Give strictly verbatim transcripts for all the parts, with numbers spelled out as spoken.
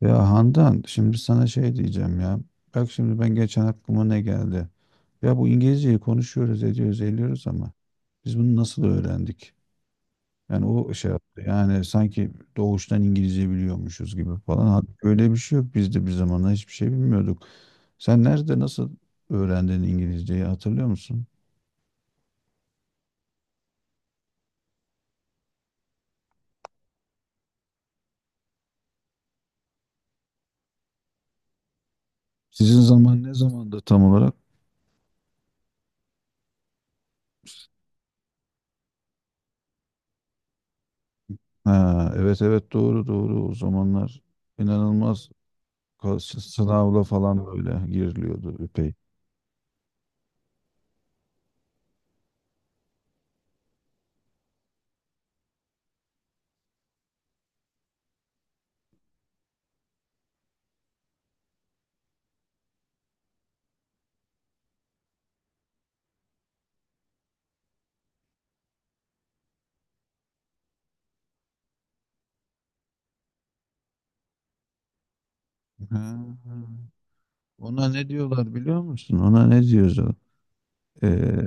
Ya Handan şimdi sana şey diyeceğim ya. Bak şimdi ben geçen aklıma ne geldi. Ya bu İngilizceyi konuşuyoruz ediyoruz ediyoruz ama biz bunu nasıl öğrendik? Yani o şey yaptı. Yani sanki doğuştan İngilizce biliyormuşuz gibi falan. Halbuki Öyle bir şey yok. Biz de bir zamanlar hiçbir şey bilmiyorduk. Sen nerede nasıl öğrendin İngilizceyi hatırlıyor musun? Sizin zaman ne zamandı tam olarak? Ha, evet evet, doğru doğru, o zamanlar inanılmaz, kas- sınavla falan böyle giriliyordu. Ha, ona ne diyorlar biliyor musun? Ona ne diyorlar? Ee,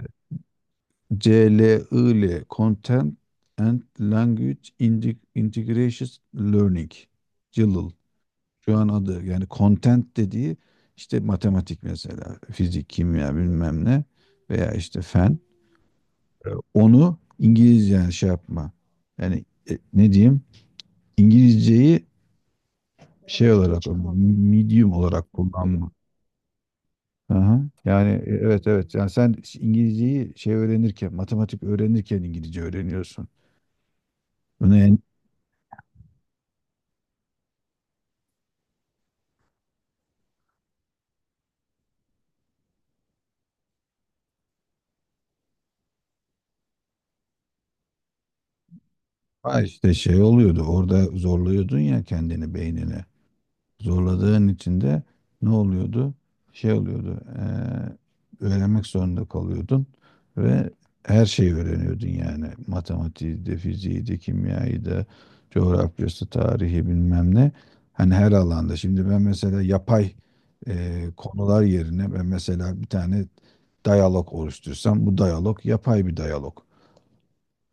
CLIL, Content and Language Indi- Integration Learning. CLIL. Şu an adı, yani content dediği, işte matematik mesela, fizik, kimya bilmem ne, veya işte fen. Ee, Onu İngilizce yani şey yapma. Yani e, ne diyeyim? İngilizceyi şey olarak, medium olarak kullanma. Aha. Yani e, evet evet. Yani sen İngilizceyi şey öğrenirken, matematik öğrenirken İngilizce öğreniyorsun. Bunu en. Ha işte şey oluyordu. Orada zorluyordun ya kendini, beynini. Zorladığın için de ne oluyordu? Şey oluyordu. Eee, öğrenmek zorunda kalıyordun ve her şeyi öğreniyordun yani. Matematiği de, fiziği de, kimyayı da, coğrafyası, tarihi bilmem ne. Hani her alanda. Şimdi ben mesela yapay eee, konular yerine, ben mesela bir tane diyalog oluştursam, bu diyalog yapay bir diyalog.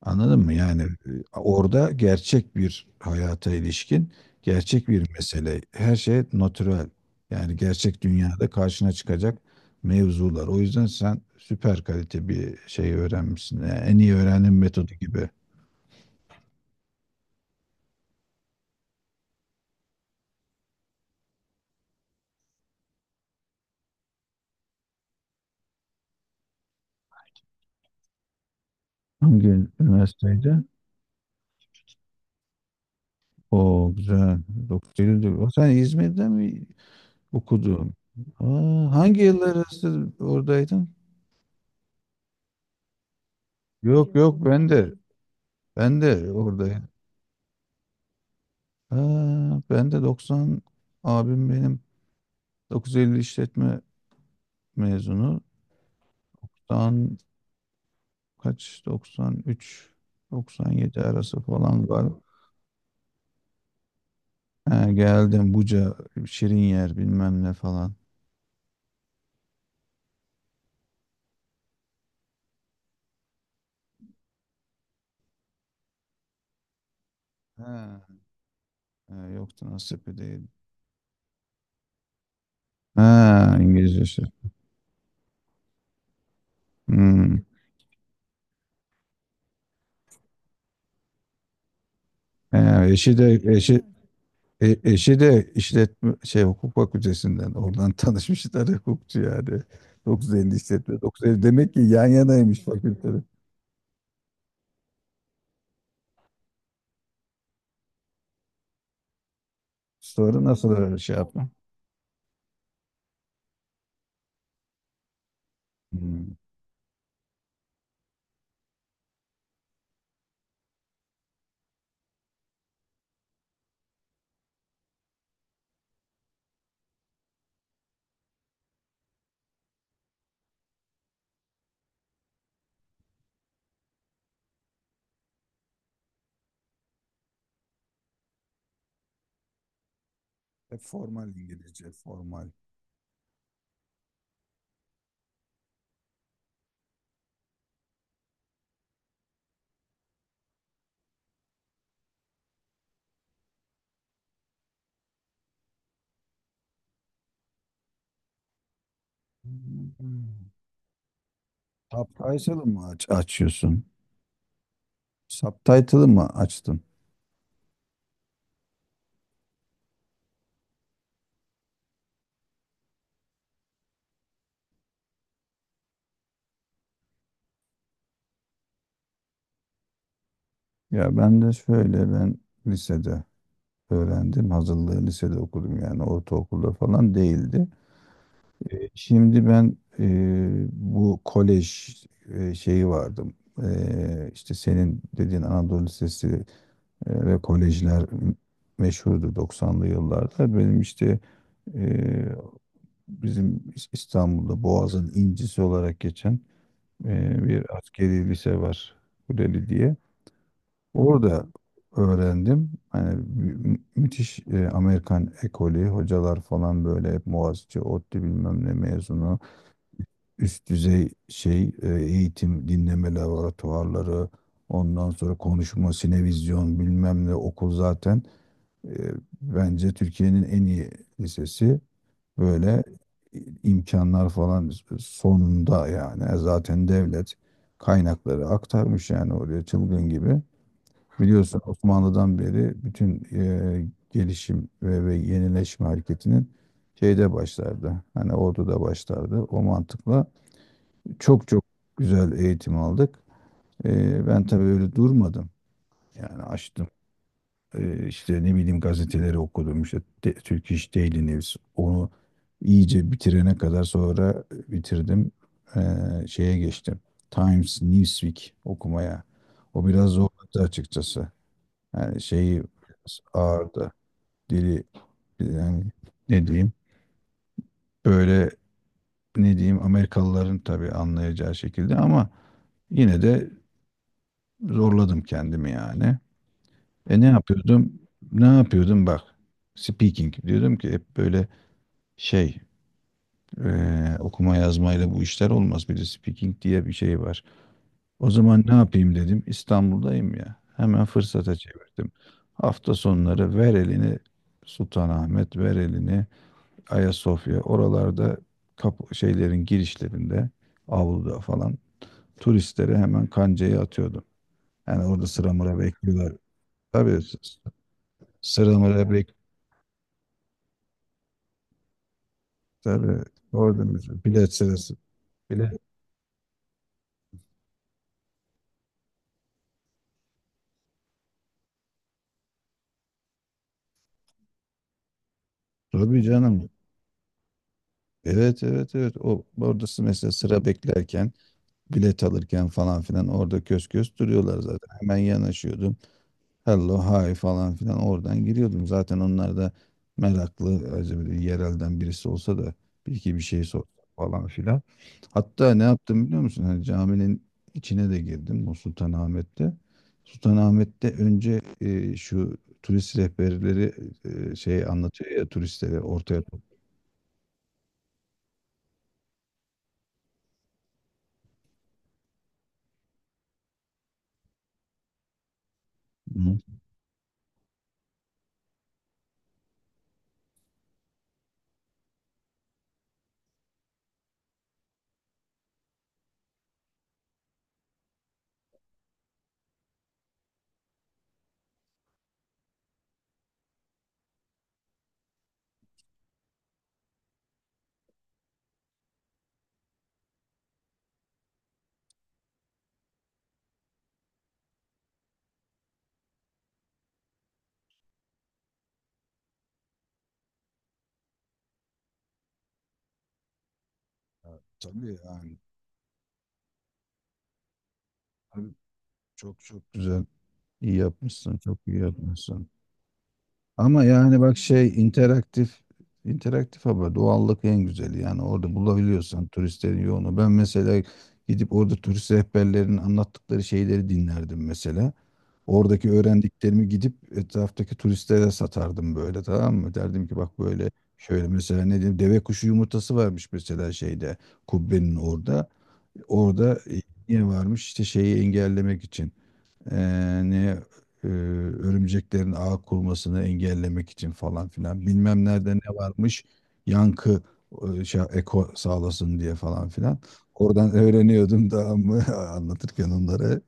Anladın mı? Yani e, orada gerçek bir hayata ilişkin, gerçek bir mesele. Her şey natürel. Yani gerçek dünyada karşına çıkacak mevzular. O yüzden sen süper kalite bir şey öğrenmişsin. Yani en iyi öğrenim metodu gibi. Hangi üniversiteydi? O güzel. dokuz Eylül'de. O sen İzmir'de mi okudun? Aa, hangi yıllar arası oradaydın? Yok yok, ben de. Ben de oradayım. Ha, ben de doksan, abim benim dokuz yüz elli işletme mezunu. Tam kaç, doksan üç doksan yedi arası falan var. Ha, geldim Buca, şirin yer bilmem ne falan. Ha, ha, yoktu, nasip değil. Ha, İngilizcesi. Hmm. Ha, eşi de eşi. E, eşi de işletme şey, hukuk fakültesinden oradan tanışmışlar, hukukçu yani. dokuz yüz elli işletme, dokuz yüz elli, demek ki yan yanaymış fakülteler. Sonra nasıl öyle şey yaptı? Hmm. E, formal İngilizce, formal. Hmm. Subtitle'ı mı aç açıyorsun? Subtitle'ı mı açtın? Ya ben de şöyle, ben lisede öğrendim. Hazırlığı lisede okudum, yani ortaokulda falan değildi. E, Şimdi ben e, bu kolej e, şeyi vardım. E, işte senin dediğin Anadolu Lisesi e, ve kolejler meşhurdu doksanlı yıllarda. Benim işte e, bizim İstanbul'da Boğaz'ın incisi olarak geçen e, bir askeri lise var. Kuleli diye. Orada öğrendim. Hani mü- müthiş e, Amerikan ekolü, hocalar falan böyle hep Boğaziçi, ODTÜ bilmem ne mezunu, üst düzey şey e, eğitim, dinleme laboratuvarları, ondan sonra konuşma, sinevizyon bilmem ne, okul zaten e, bence Türkiye'nin en iyi lisesi, böyle imkanlar falan sonunda yani. E, zaten devlet kaynakları aktarmış yani oraya çılgın gibi. Biliyorsun Osmanlı'dan beri bütün e, gelişim ve ve yenileşme hareketinin şeyde başlardı. Hani orduda başlardı. O mantıkla çok çok güzel eğitim aldık. Ee, ben tabii öyle durmadım. Yani açtım, ee, işte ne bileyim, gazeteleri okudum. İşte de Türk İş Daily News. Onu iyice bitirene kadar, sonra bitirdim. Ee, şeye geçtim, Times Newsweek okumaya. O biraz zorladı açıkçası. Yani şeyi biraz ağırdı. Dili yani, ne diyeyim böyle, ne diyeyim, Amerikalıların tabii anlayacağı şekilde ama yine de Zorladım kendimi yani. E ne yapıyordum? Ne yapıyordum bak. Speaking diyordum ki hep, böyle şey e, okuma yazmayla bu işler olmaz. Bir de speaking diye bir şey var. O zaman ne yapayım dedim. İstanbul'dayım ya. Hemen fırsata çevirdim. Hafta sonları ver elini Sultanahmet, ver elini Ayasofya. Oralarda kapı, şeylerin girişlerinde, avluda falan turistlere hemen kancayı atıyordum. Yani orada sıra mıra bekliyorlar. Tabii. Sıramaları bek Tabii orada mesela bilet sırası bile. Tabii canım. Evet evet evet. O oradası mesela, sıra beklerken, bilet alırken falan filan, orada kös kös duruyorlar zaten. Hemen yanaşıyordum. Hello hi falan filan, oradan giriyordum. Zaten onlar da meraklı, acaba yerelden birisi olsa da bir iki bir şey sor falan filan. Hatta ne yaptım biliyor musun? Hani caminin içine de girdim bu Sultanahmet'te. Sultanahmet'te önce e, şu turist rehberleri e, şey anlatıyor ya turistlere, ortaya. Hı. Ha, tabii yani. Tabii, çok çok güzel. İyi yapmışsın, çok iyi yapmışsın. Ama yani bak şey, interaktif interaktif ama doğallık en güzeli. Yani orada bulabiliyorsan turistlerin yoğunu. Ben mesela gidip orada turist rehberlerinin anlattıkları şeyleri dinlerdim mesela. Oradaki öğrendiklerimi gidip etraftaki turistlere satardım böyle, tamam mı? Derdim ki bak böyle, şöyle mesela, ne diyeyim, deve kuşu yumurtası varmış mesela şeyde, kubbenin orada. Orada e, niye varmış, işte şeyi engellemek için yani, e, örümceklerin ağ kurmasını engellemek için falan filan, bilmem nerede ne varmış, yankı e, şey, eko sağlasın diye falan filan, oradan öğreniyordum da ama anlatırken onları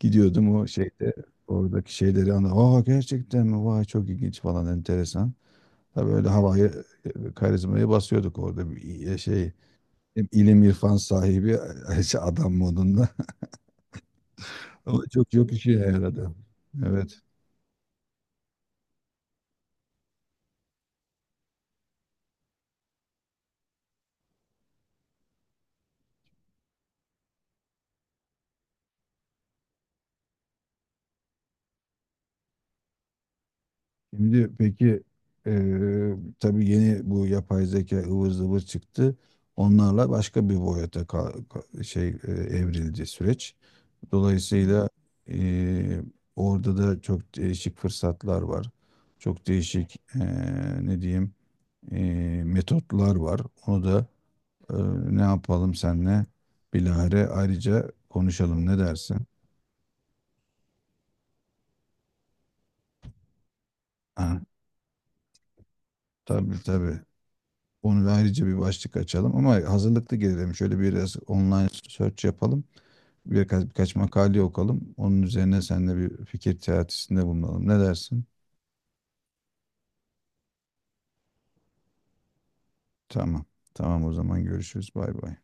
gidiyordum o şeyde oradaki şeyleri anla, aa gerçekten mi, vay çok ilginç falan, enteresan, tabii öyle havayı e, karizmayı basıyorduk orada bir e, şey, hem ilim irfan sahibi adam modunda. Ama çok çok işe yaradı, evet. Şimdi peki, eee tabii yeni bu yapay zeka ıvır zıvır çıktı. Onlarla başka bir boyuta ka- ka- şey, eee, evrildi süreç. Dolayısıyla eee, orada da çok değişik fırsatlar var. Çok değişik eee, ne diyeyim eee, metotlar var. Onu da eee, ne yapalım, senle bilahare ayrıca konuşalım, ne dersin? Ha, tabii tabii, Onu da ayrıca bir başlık açalım ama hazırlıklı gelelim. Şöyle biraz online search yapalım. Birkaç, birkaç makale okalım. Onun üzerine seninle bir fikir teatisinde bulunalım. Ne dersin? Tamam. Tamam, o zaman görüşürüz. Bay bay.